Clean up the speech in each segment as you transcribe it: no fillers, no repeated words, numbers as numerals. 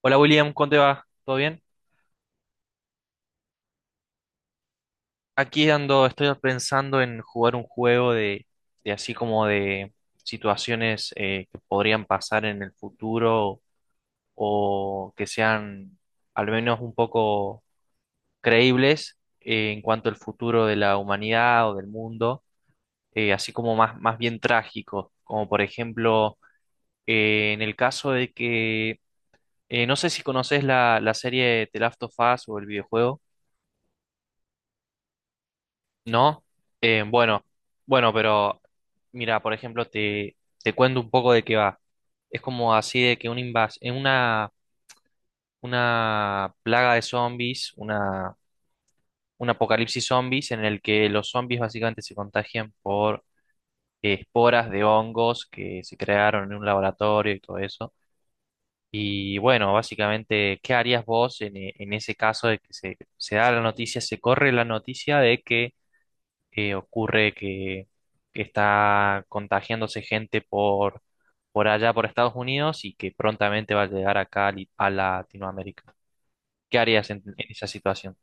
Hola William, ¿cómo te va? ¿Todo bien? Aquí ando, estoy pensando en jugar un juego de, así como de situaciones, que podrían pasar en el futuro o que sean al menos un poco creíbles, en cuanto al futuro de la humanidad o del mundo, así como más, más bien trágico, como por ejemplo en el caso de que, no sé si conoces la serie The Last of Us o el videojuego. No, bueno, bueno, pero mira, por ejemplo, te, cuento un poco de qué va. Es como así de que un invas en una plaga de zombies, un apocalipsis zombies en el que los zombies básicamente se contagian por esporas de hongos que se crearon en un laboratorio y todo eso. Y bueno, básicamente, ¿qué harías vos en en ese caso de que se, da la noticia, se corre la noticia de que ocurre que, está contagiándose gente por allá, por Estados Unidos, y que prontamente va a llegar acá a a Latinoamérica? ¿Qué harías en esa situación?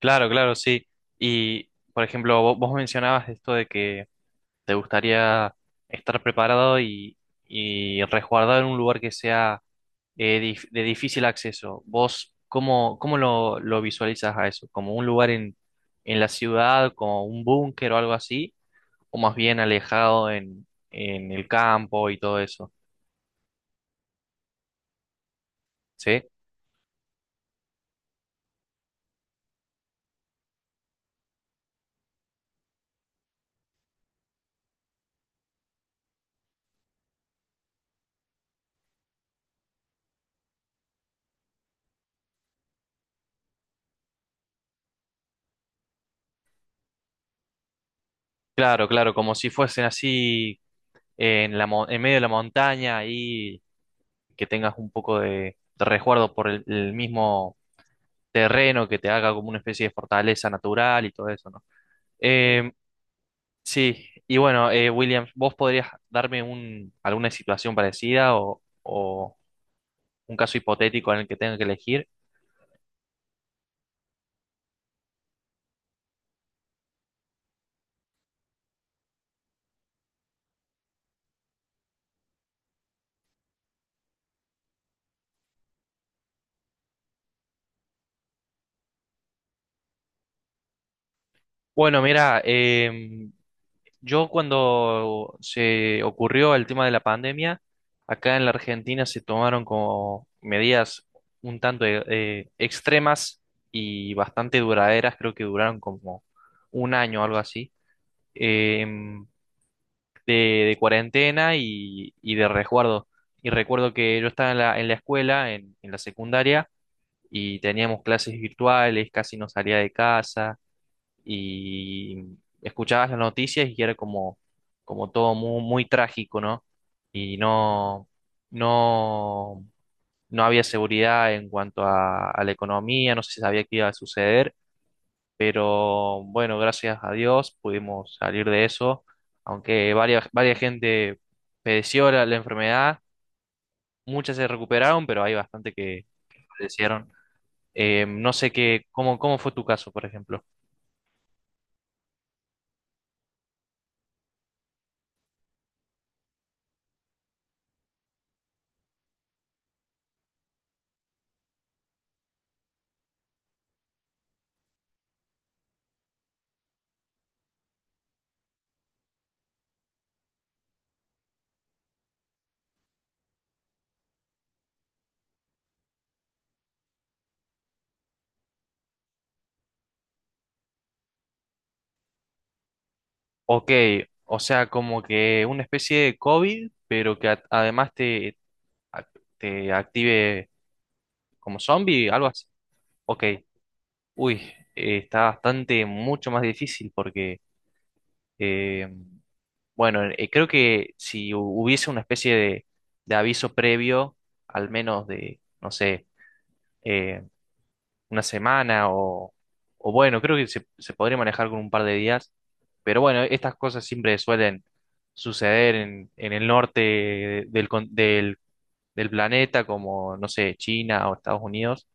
Claro, claro, sí. Y, por ejemplo, vos mencionabas esto de que te gustaría estar preparado y resguardado en un lugar que sea, de difícil acceso. ¿Vos cómo lo visualizas a eso? ¿Como un lugar en la ciudad, como un búnker o algo así, o más bien alejado en el campo y todo eso? ¿Sí? Claro, claro, como si fuesen así, en en medio de la montaña y que tengas un poco de resguardo por el mismo terreno que te haga como una especie de fortaleza natural y todo eso, ¿no? Eh, sí. Y bueno, William, ¿vos podrías darme alguna situación parecida o un caso hipotético en el que tenga que elegir? Bueno, mira, yo cuando se ocurrió el tema de la pandemia, acá en la Argentina se tomaron como medidas un tanto, extremas y bastante duraderas. Creo que duraron como un año o algo así, em, de cuarentena y de resguardo. Y recuerdo que yo estaba en la escuela, en la secundaria, y teníamos clases virtuales, casi no salía de casa y escuchabas las noticias y era como todo muy, muy trágico, ¿no? Y no, no, no había seguridad en cuanto a la economía. No se sabía qué iba a suceder, pero bueno, gracias a Dios pudimos salir de eso, aunque varias gente padeció la enfermedad. Muchas se recuperaron, pero hay bastante que fallecieron. No sé qué, cómo fue tu caso, por ejemplo. Ok, o sea, como que una especie de COVID, pero que además te, a- te active como zombie, algo así. Ok, uy, está bastante mucho más difícil porque, eh, bueno, creo que si hubiese una especie de aviso previo, al menos de, no sé, eh, una semana o bueno, creo que se podría manejar con un par de días. Pero bueno, estas cosas siempre suelen suceder en el norte del planeta, como, no sé, China o Estados Unidos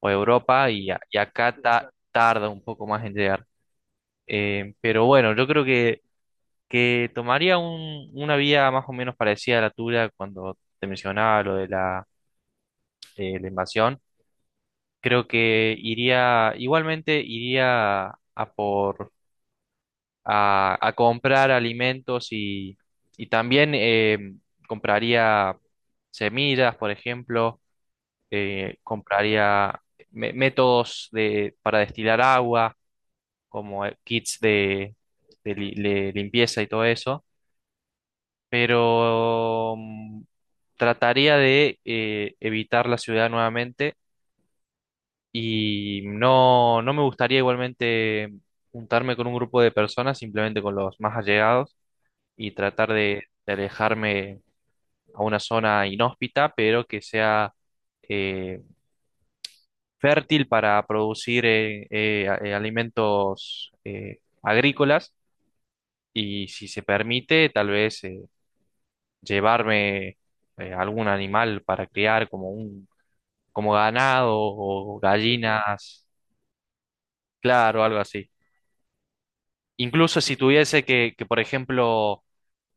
o Europa, y, y acá tarda un poco más en llegar. Pero bueno, yo creo que tomaría una vía más o menos parecida a la tuya cuando te mencionaba lo de la invasión. Creo que iría, igualmente iría a por, a comprar alimentos y también compraría semillas, por ejemplo. Compraría métodos de, para destilar agua, como kits de li- de limpieza y todo eso, pero trataría de evitar la ciudad nuevamente. Y no, no me gustaría igualmente juntarme con un grupo de personas, simplemente con los más allegados y tratar de alejarme a una zona inhóspita, pero que sea eh, fértil para producir alimentos agrícolas. Y si se permite, tal vez llevarme algún animal para criar, como ganado o gallinas, claro, algo así. Incluso si tuviese por ejemplo,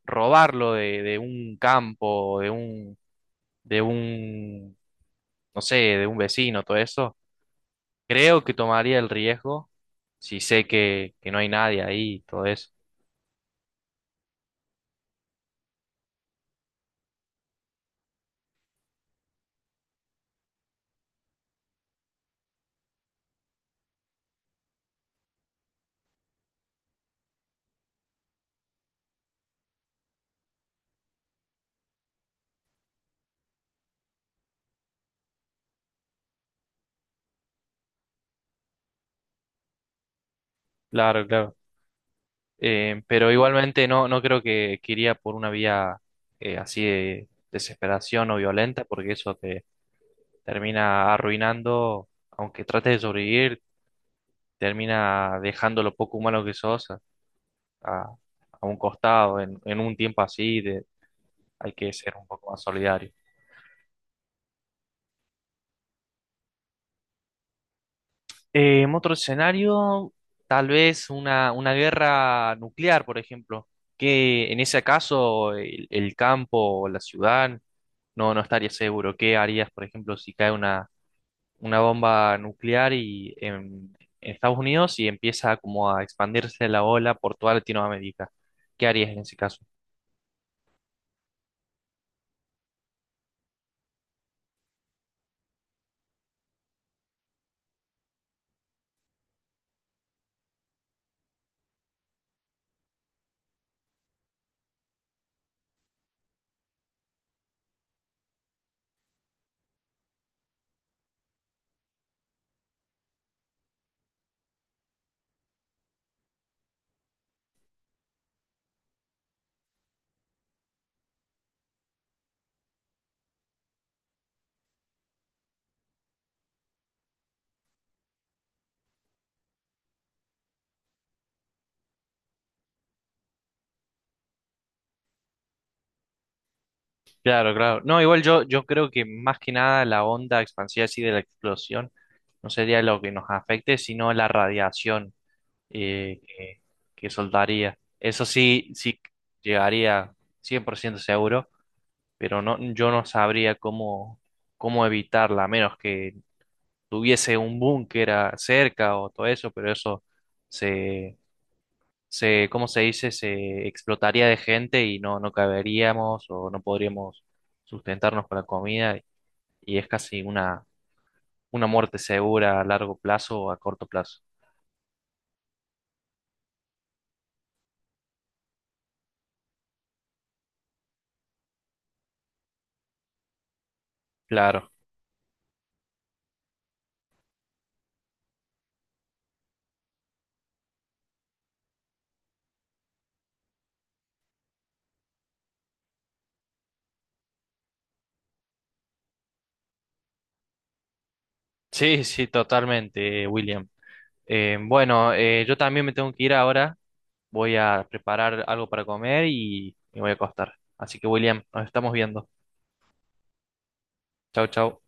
robarlo de un campo, de un, no sé, de un vecino, todo eso, creo que tomaría el riesgo si sé que no hay nadie ahí, todo eso. Claro, claro. Pero igualmente no, no creo que iría por una vía así de desesperación o violenta, porque eso te termina arruinando, aunque trates de sobrevivir, termina dejando lo poco humano que sos a, un costado en un tiempo así, de, hay que ser un poco más solidario. En otro escenario, tal vez una guerra nuclear, por ejemplo, que en ese caso el campo o la ciudad no, no estaría seguro. ¿Qué harías, por ejemplo, si cae una bomba nuclear y en Estados Unidos y empieza como a expandirse la ola por toda Latinoamérica? ¿Qué harías en ese caso? Claro, claro. No, igual yo creo que más que nada la onda expansiva así de la explosión no sería lo que nos afecte, sino la radiación, eh, que, que soltaría. Eso sí, sí llegaría 100% seguro, pero no, yo no sabría cómo evitarla, a menos que tuviese un búnker cerca o todo eso, pero eso se, ¿cómo se dice? Se explotaría de gente y no, no caberíamos o no podríamos sustentarnos con la comida, y es casi una muerte segura a largo plazo o a corto plazo. Claro. Sí, sí, totalmente, William. Bueno, yo también me tengo que ir ahora. Voy a preparar algo para comer y me voy a acostar. Así que, William, nos estamos viendo. Chau, chau.